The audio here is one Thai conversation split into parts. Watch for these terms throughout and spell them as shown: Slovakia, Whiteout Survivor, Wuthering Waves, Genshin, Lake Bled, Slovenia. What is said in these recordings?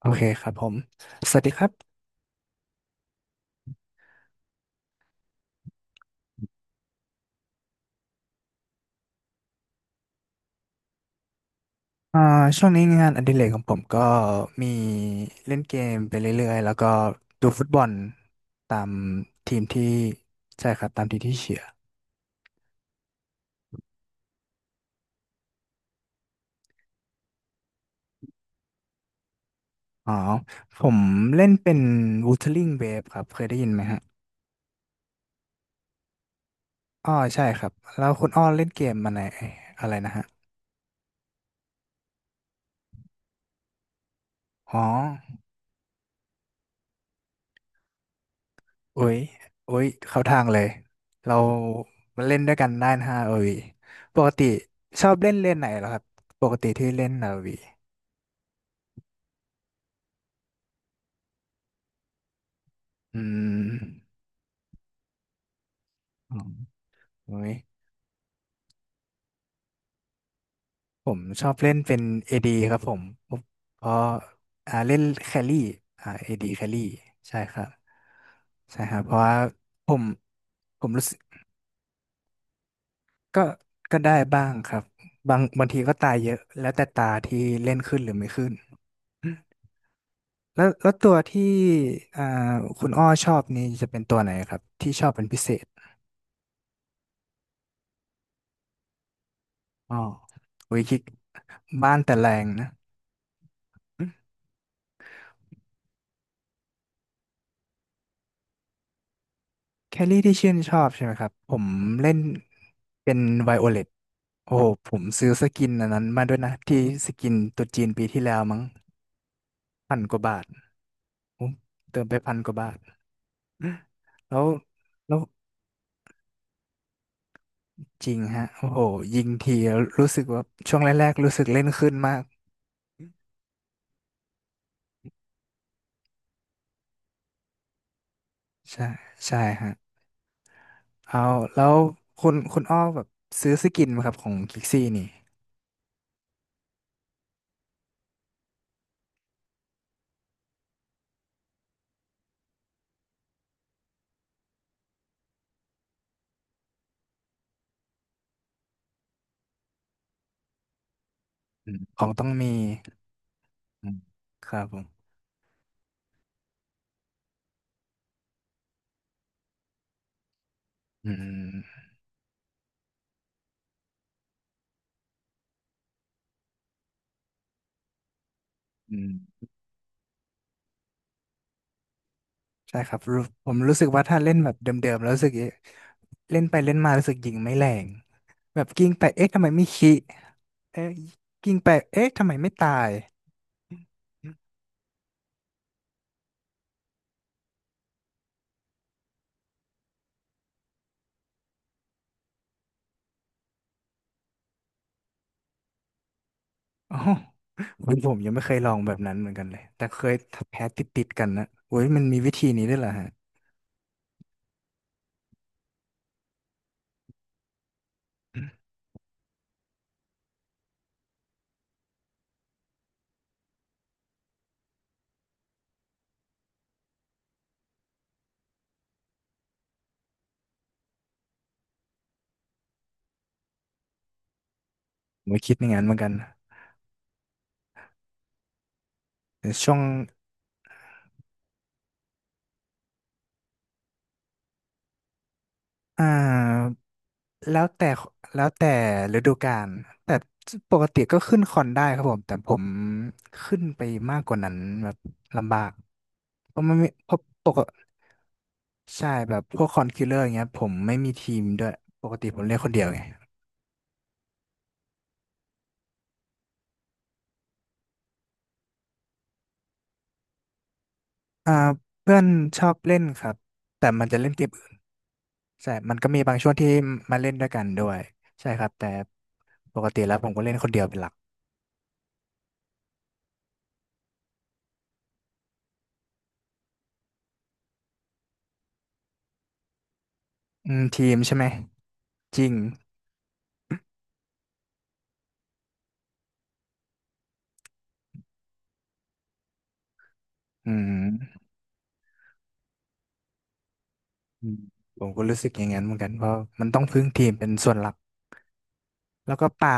โอเคครับผมสวัสดีครับอ่าช่วงนี้งานอดิเรกของผมก็มีเล่นเกมไปเรื่อยๆแล้วก็ดูฟุตบอลตามทีมที่ใช่ครับตามทีมที่เชียร์อ๋อ ผมเล่นเป็น Wuthering Waves ครับเคยได้ยินไหมฮะอ๋อใช่ครับ แล้วคุณอ้อเล่นเกมมาไหนอะไรนะฮะ อ๋อโอ้ยโอ้ยเข้าทางเลย เรามาเล่นด้วยกันได้นะฮะโอวีปกติชอบเล่นเล่นไหนเหรอครับปกติที่เล่นนาวี อืมอืโอ้ยผมชอบเล่นเป็นเอดีครับผมเพราะเล่นแครี่เอดีแครี่ใช่ครับใช่ครับเพราะว่าผมผมรู้สึกก็ก็ได้บ้างครับบางบางทีก็ตายเยอะแล้วแต่ตาที่เล่นขึ้นหรือไม่ขึ้นแล้วแล้วตัวที่อ่าคุณอ้อชอบนี่จะเป็นตัวไหนครับที่ชอบเป็นพิเศษอ๋อโอ้ยคิกบ้านแต่แรงนะ แคลรี่ที่ชื่นชอบใช่ไหมครับผมเล่นเป็นไวโอเลตโอ้โหผมซื้อสกินอันนั้นมาด้วยนะที่สกินตัวจีนปีที่แล้วมั้งพันกว่าบาทผมเติมไปพันกว่าบาทแล้วแล้วจริงฮะโอ้โหยิงทีรู้สึกว่าช่วงแรกๆรู้สึกเล่นขึ้นมากใช่ใช่ฮะเอาแล้วคุณอ้อแบบซื้อสกินไหมครับของคิกซี่นี่อืมของต้องมีอืมครับผมอืมอืม ใช่ครับรู้ผมรู้สึกว่าถ้าเล่นแบบเดิมๆแล้วรู้สึกเล่นไปเล่นมารู้สึกยิงไม่แรงแบบกิ้งไปเอ๊ะทำไมไม่คิเอ๊ะกิ้งไปเอ๊ะทำไมไม่ตายอ๋อผมยังไม่เคยลองแบบนั้นเหมือนกันเลยแต่เคยแพ้ติดๆกันนะโอ้ยมันมีวิธีนี้ด้วยเหรอฮะผมก็คิดในงานเหมือนกันแต่ช่วงอ่า แล้วแต่แล้วแต่ฤดูกาลแต่ปกติก็ขึ้นคอนได้ครับผมแต่ผมขึ้นไปมากกว่านั้นแบบลำบากเพราะมันไม่เพราะปกติใช่แบบพวกคอนคิลเลอร์อย่างเงี้ยผมไม่มีทีมด้วยปกติผมเล่นคนเดียวไงอ่าเพื่อนชอบเล่นครับแต่มันจะเล่นเกมอื่นใช่มันก็มีบางช่วงที่มาเล่นด้วยกันด้วยใช่ครับแต่ปกติแล้วผมก็เล่นคนเดียวเป็นหลักอืมทีมใช่ไหมจริงอืม อืมผมก็รู้สึกอย่างนั้นเหมือนกันเพราะมันต้องพึ่งทีมเป็นส่วนหลักแล้วก็ป่า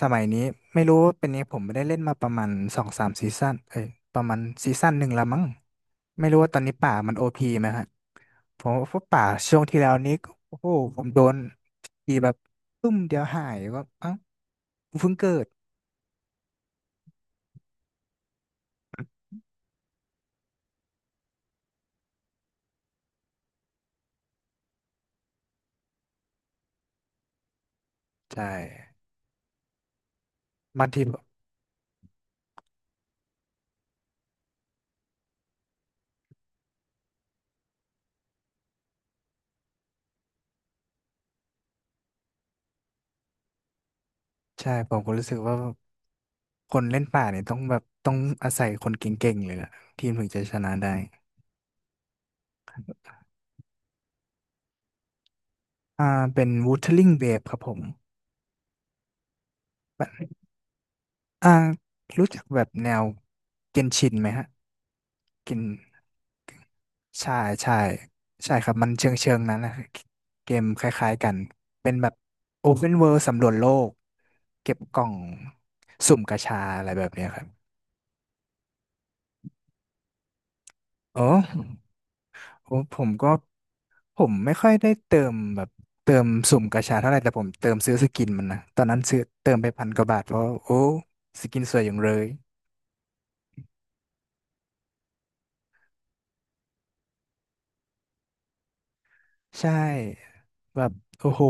สมัยนี้ไม่รู้เป็นยังไงผมไม่ได้เล่นมาประมาณสองสามซีซั่นเอ้ยประมาณซีซั่นหนึ่งละมั้งไม่รู้ว่าตอนนี้ป่ามันโอพีไหมฮะผมว่าป่าช่วงที่แล้วนี้ก็โอ้โหผมโดนทีแบบปึ้มเดียวหายว่าเอ้ากูเพิ่งเกิดใช่บางทีใช่ผมก็รู้สึกว่าคนเล่นป่าเนี่ยต้องแบบต้องอาศัยคนเก่งๆเลยล่ะทีมถึงจะชนะได้ อ่าเป็น Wuthering Waves ครับผมแบบอ่ารู้จักแบบแนวเกนชินไหมฮะเกนใช่ใช่ใช่ครับมันเชิงเชิงนั้นนะเกมคล้ายๆกันเป็นแบบ Open World สำรวจโลกเก็บกล่องสุ่มกาชาอะไรแบบเนี้ยครับโอโอ้ผมก็ผมไม่ค่อยได้เติมแบบเติมสุ่มกาชาเท่าไหร่แต่ผมเติมซื้อสกินมันนะตอนนั้นซื้อเติมไปพันกว่าบาทเพราะโอ้สกินสวยอย่างเลยใช่ แบบโอ้โห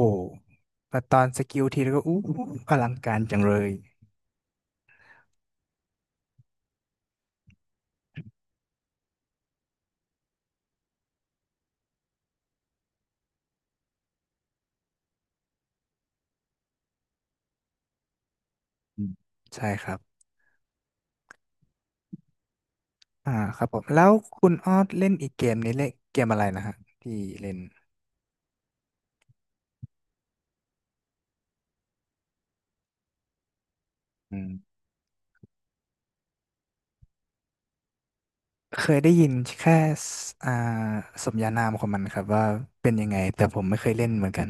แบบตอนสกิลทีแล้วก็อู้หูอลังการจังเลยอืมใช่ครับ อ่าครับผมแล้วคุณออดเล่นอีกเกมนี้เล่นเกมอะไรนะฮะที่เล่นอืม เคยได้ยินแค่สอ่าสมญานามของมันครับว่าเป็นยังไงแต่ผมไม่เคยเล่นเหมือนกัน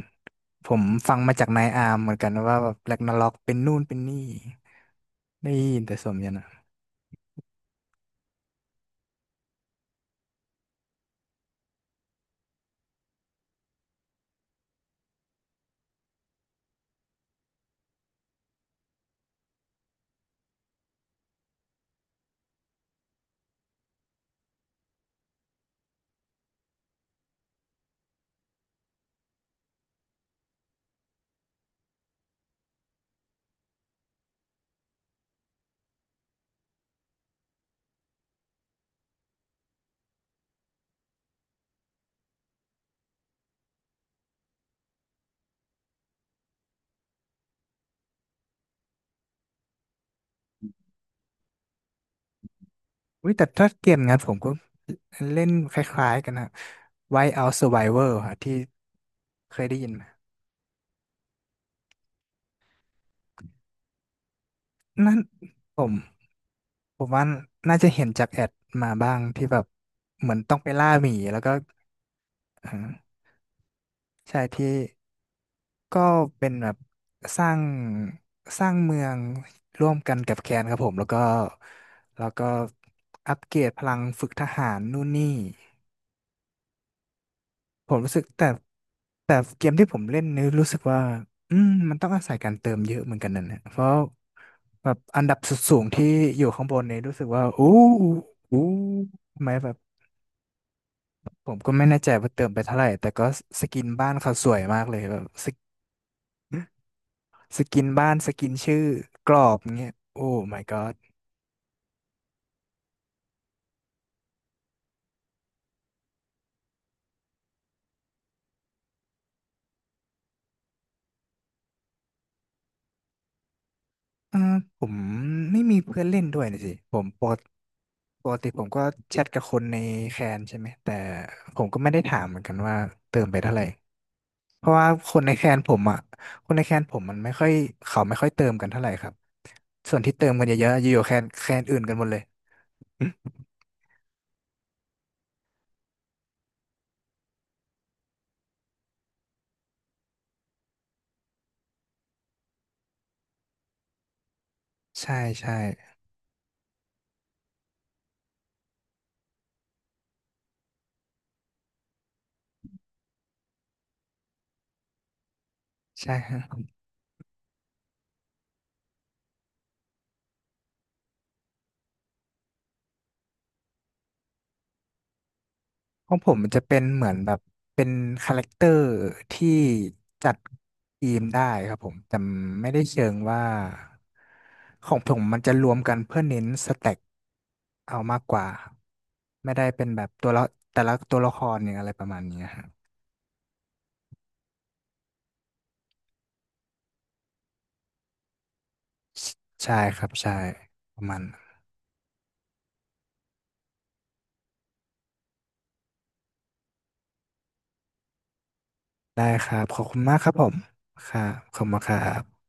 ผมฟังมาจากนายอาร์มเหมือนกันว่าแบบแร็กนาร็อกเป็นนู่นเป็นนี่ได้ยินแต่สมญานามอุ้ยแต่ถ้าเกมงั้นผมก็เล่นคล้ายๆกันนะ Whiteout Survivor ค่ะที่เคยได้ยินไหมนั่นผมผมว่าน่าจะเห็นจากแอดมาบ้างที่แบบเหมือนต้องไปล่าหมีแล้วก็อ่าใช่ที่ ก็เป็นแบบสร้างสร้างเมืองร่วมกันกับแคนครับผมแล้วก็แล้วก็อัปเกรดพลังฝึกทหารนู่นนี่ผมรู้สึกแต่แต่เกมที่ผมเล่นนี่รู้สึกว่าอืมมันต้องอาศัยการเติมเยอะเหมือนกันนั่นแหละเพราะแบบอันดับสุดสูงที่อยู่ข้างบนเนี่ยรู้สึกว่าอู้อู้ทำไมแบบผมก็ไม่แน่ใจว่าเติมไปเท่าไหร่แต่ก็สกินบ้านเขาสวยมากเลยแบบสก สกินบ้านสกินชื่อกรอบเงี้ยโอ้ my god เออผมไม่มีเพื่อนเล่นด้วยนะสิผมปกติปกติผมก็แชทกับคนในแคนใช่ไหมแต่ผมก็ไม่ได้ถามเหมือนกันว่าเติมไปเท่าไหร่เพราะว่าคนในแคนผมอ่ะคนในแคนผมมันไม่ค่อยเขาไม่ค่อยเติมกันเท่าไหร่ครับส่วนที่เติมกันเยอะๆอยู่แคนแคนอื่นกันหมดเลยใช่ใช่ใช่ ของผมมันจะเป็นเหมือนแบบเป็นคาแรคเตอร์ที่จัดทีมได้ครับผมแต่ไม่ได้เชิงว่าของผมมันจะรวมกันเพื่อเน้นสแต็กเอามากกว่าไม่ได้เป็นแบบตัวละแต่ละตัวละครอย่างอะไรประมาณนี้ครับใช่ครับใช่ประมาณนั้นได้ครับขอบคุณมากครับผมครับขอบคุณมากครับ